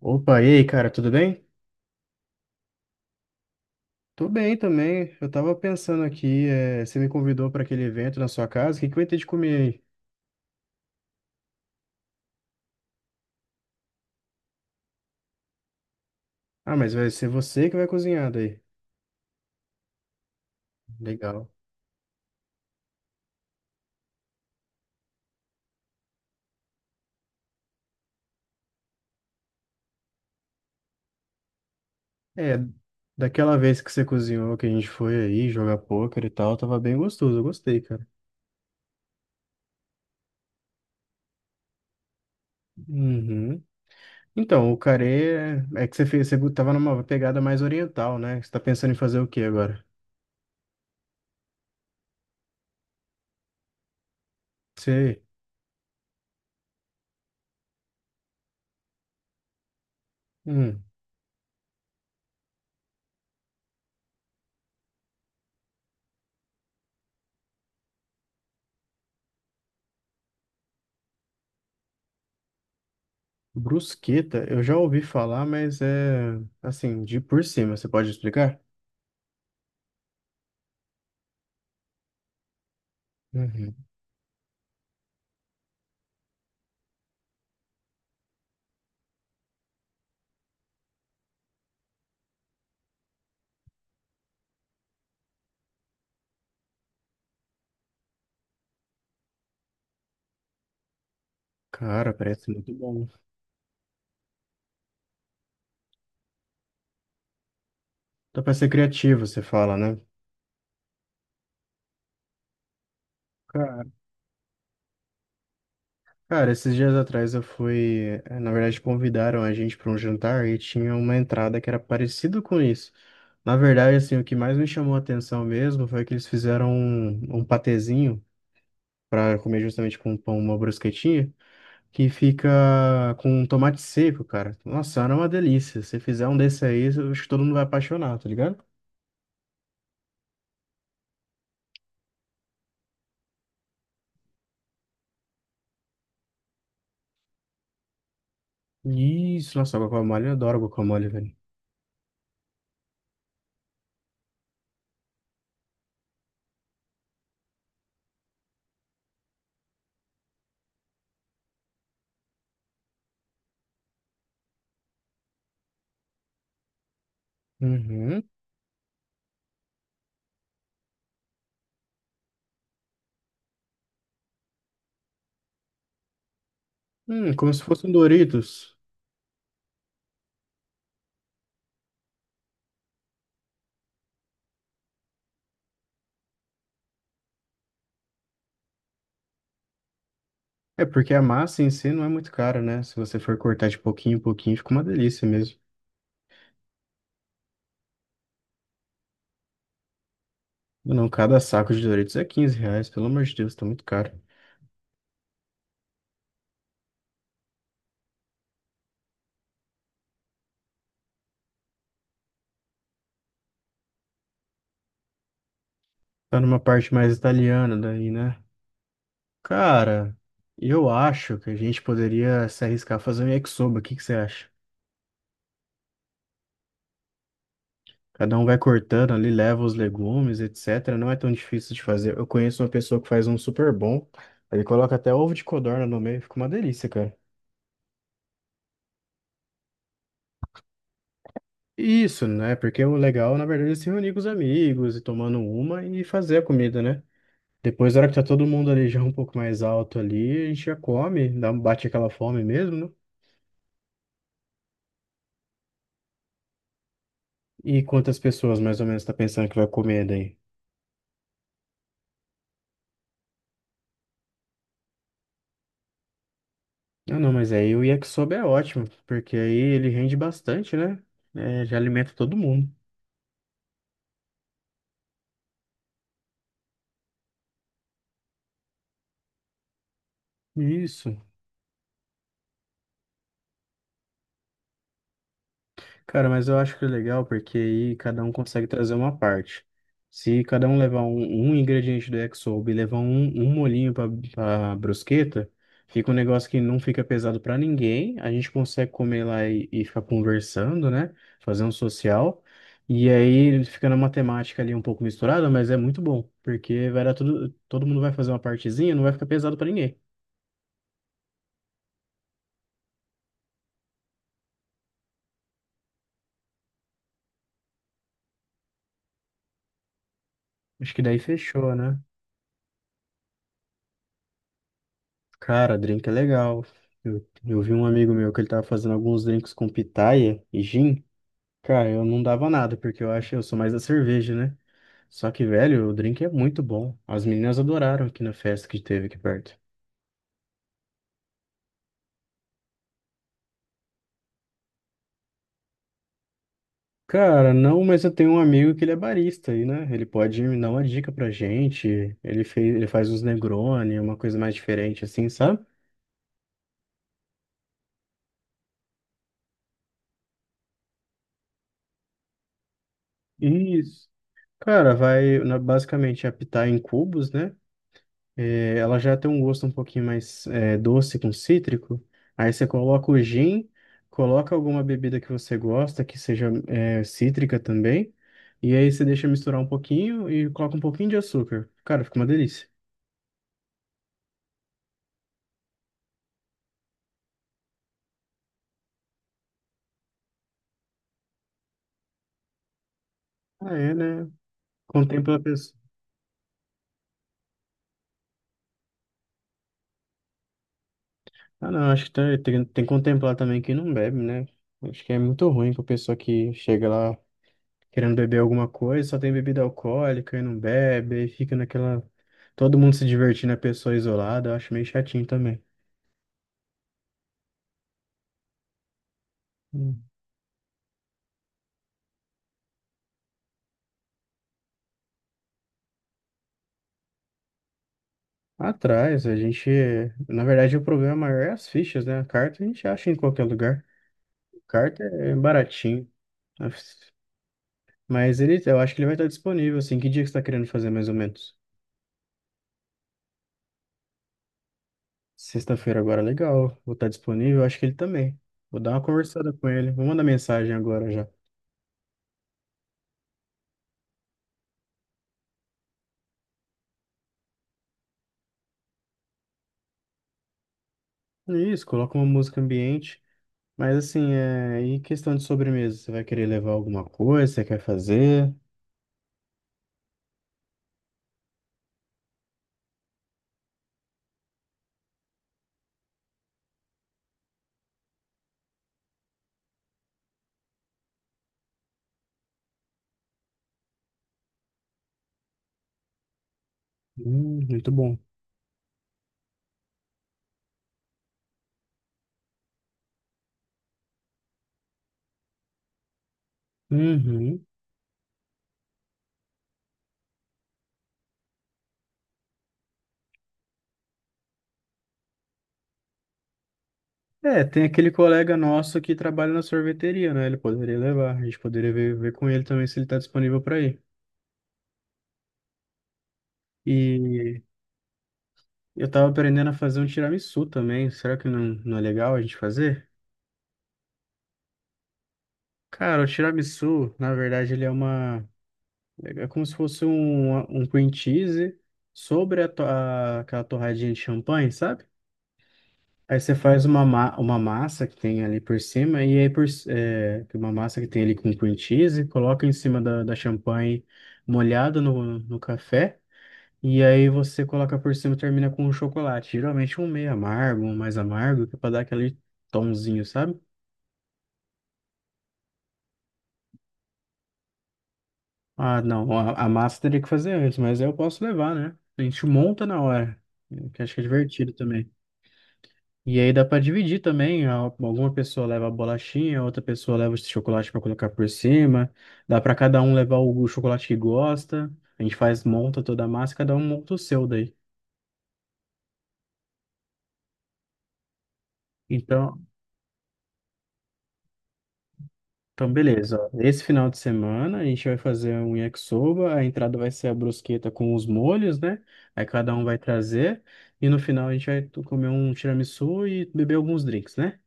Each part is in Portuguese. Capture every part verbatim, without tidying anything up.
Opa, e aí, cara, tudo bem? Tô bem também. Eu tava pensando aqui, eh, você me convidou para aquele evento na sua casa, o que que vai ter de comer aí? Ah, mas vai ser você que vai cozinhar daí. Legal. É, daquela vez que você cozinhou, que a gente foi aí jogar pôquer e tal, tava bem gostoso, eu gostei, cara. Uhum. Então, o carê é é que você fez, você tava numa pegada mais oriental, né? Você tá pensando em fazer o quê agora? Você. Hum. Brusqueta, eu já ouvi falar, mas é assim, de por cima, você pode explicar? Uhum. Cara, parece muito bom. Dá pra ser criativo, você fala, né? Cara, cara, esses dias atrás eu fui. eh, Na verdade, convidaram a gente para um jantar e tinha uma entrada que era parecida com isso. Na verdade, assim, o que mais me chamou a atenção mesmo foi que eles fizeram um, um patezinho para comer justamente com pão, uma brusquetinha, que fica com tomate seco, cara. Nossa, era uma delícia. Se fizer um desse aí, eu acho que todo mundo vai apaixonar, tá ligado? Isso, nossa, guacamole, eu adoro guacamole, velho. Uhum. Hum, como se fosse um Doritos. É porque a massa em si não é muito cara, né? Se você for cortar de pouquinho em pouquinho, fica uma delícia mesmo. Não, cada saco de Doritos é quinze reais, pelo amor de Deus, tá muito caro. Tá numa parte mais italiana daí, né? Cara, eu acho que a gente poderia se arriscar a fazer um yakisoba. O que que você acha? Cada um vai cortando ali, leva os legumes, etcétera. Não é tão difícil de fazer. Eu conheço uma pessoa que faz um super bom. Ele coloca até ovo de codorna no meio, fica uma delícia, cara. Isso, né? Porque o legal, na verdade, é se reunir com os amigos e tomando uma e fazer a comida, né? Depois, na hora que tá todo mundo ali já um pouco mais alto ali, a gente já come, dá, um, bate aquela fome mesmo, né? E quantas pessoas mais ou menos tá pensando que vai comer daí? Ah, não, mas aí o yakisoba é ótimo, porque aí ele rende bastante, né? É, já alimenta todo mundo. Isso. Cara, mas eu acho que é legal porque aí cada um consegue trazer uma parte. Se cada um levar um, um ingrediente do Exob e levar um, um molhinho para brusqueta, fica um negócio que não fica pesado para ninguém. A gente consegue comer lá e, e ficar conversando, né? Fazer um social. E aí fica na matemática ali um pouco misturada, mas é muito bom, porque vai dar tudo, todo mundo vai fazer uma partezinha, não vai ficar pesado para ninguém. Acho que daí fechou, né? Cara, drink é legal. Eu, eu vi um amigo meu que ele tava fazendo alguns drinks com pitaia e gin. Cara, eu não dava nada, porque eu acho, eu sou mais da cerveja, né? Só que, velho, o drink é muito bom. As meninas adoraram aqui na festa que teve aqui perto. Cara, não, mas eu tenho um amigo que ele é barista aí, né? Ele pode me dar uma dica pra gente. Ele fez, ele faz uns Negroni, uma coisa mais diferente assim, sabe? Isso. Cara, vai, na- basicamente, é pitaia em cubos, né? É, ela já tem um gosto um pouquinho mais é, doce com cítrico. Aí você coloca o gin, coloca alguma bebida que você gosta, que seja é, cítrica também. E aí você deixa misturar um pouquinho e coloca um pouquinho de açúcar. Cara, fica uma delícia. Ah, é, né? Contempla a pessoa. Ah, não, acho que tem, tem, tem que contemplar também quem não bebe, né? Acho que é muito ruim pra pessoa que chega lá, querendo beber alguma coisa, só tem bebida alcoólica e não bebe, aí fica naquela. Todo mundo se divertindo, a pessoa isolada, eu acho meio chatinho também. Hum. Atrás, a gente. Na verdade, o problema maior é as fichas, né? A carta a gente acha em qualquer lugar. Carta é baratinho. Mas ele, eu acho que ele vai estar disponível, assim. Que dia que você está querendo fazer, mais ou menos? Sexta-feira agora, legal. Vou estar disponível, eu acho que ele também. Vou dar uma conversada com ele. Vou mandar mensagem agora já. Isso, coloca uma música ambiente. Mas assim, é... e questão de sobremesa? Você vai querer levar alguma coisa? Você quer fazer? Hum, muito bom. Uhum. É, tem aquele colega nosso que trabalha na sorveteria, né? Ele poderia levar. A gente poderia ver, ver com ele também se ele tá disponível para ir. E eu tava aprendendo a fazer um tiramisu também. Será que não, não é legal a gente fazer? Cara, o tiramisu, na verdade, ele é uma. É é como se fosse um, um cream cheese sobre a to- a- aquela torradinha de champanhe, sabe? Aí você faz uma, ma- uma massa que tem ali por cima, e aí por, c- é, uma massa que tem ali com cream cheese, coloca em cima da, da champanhe molhada no, no café, e aí você coloca por cima e termina com um chocolate. Geralmente um meio amargo, um mais amargo, que é pra dar aquele tomzinho, sabe? Ah, não, a, a massa teria que fazer antes, mas aí eu posso levar, né? A gente monta na hora, que acho que é divertido também. E aí dá para dividir também. a- Alguma pessoa leva a bolachinha, outra pessoa leva o chocolate para colocar por cima. Dá para cada um levar o o chocolate que gosta. A gente faz, monta toda a massa, cada um monta o seu daí. Então, então beleza. Ó. Esse final de semana a gente vai fazer um yakisoba. A entrada vai ser a brusqueta com os molhos, né? Aí cada um vai trazer. E no final a gente vai tu- comer um tiramisu e beber alguns drinks, né?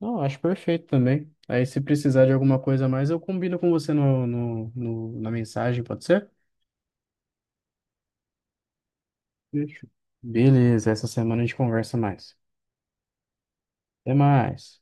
Não, acho perfeito também. Aí, se precisar de alguma coisa a mais, eu combino com você no, no, no- na mensagem, pode ser? Fechou. Beleza, essa semana a gente conversa mais. Até mais.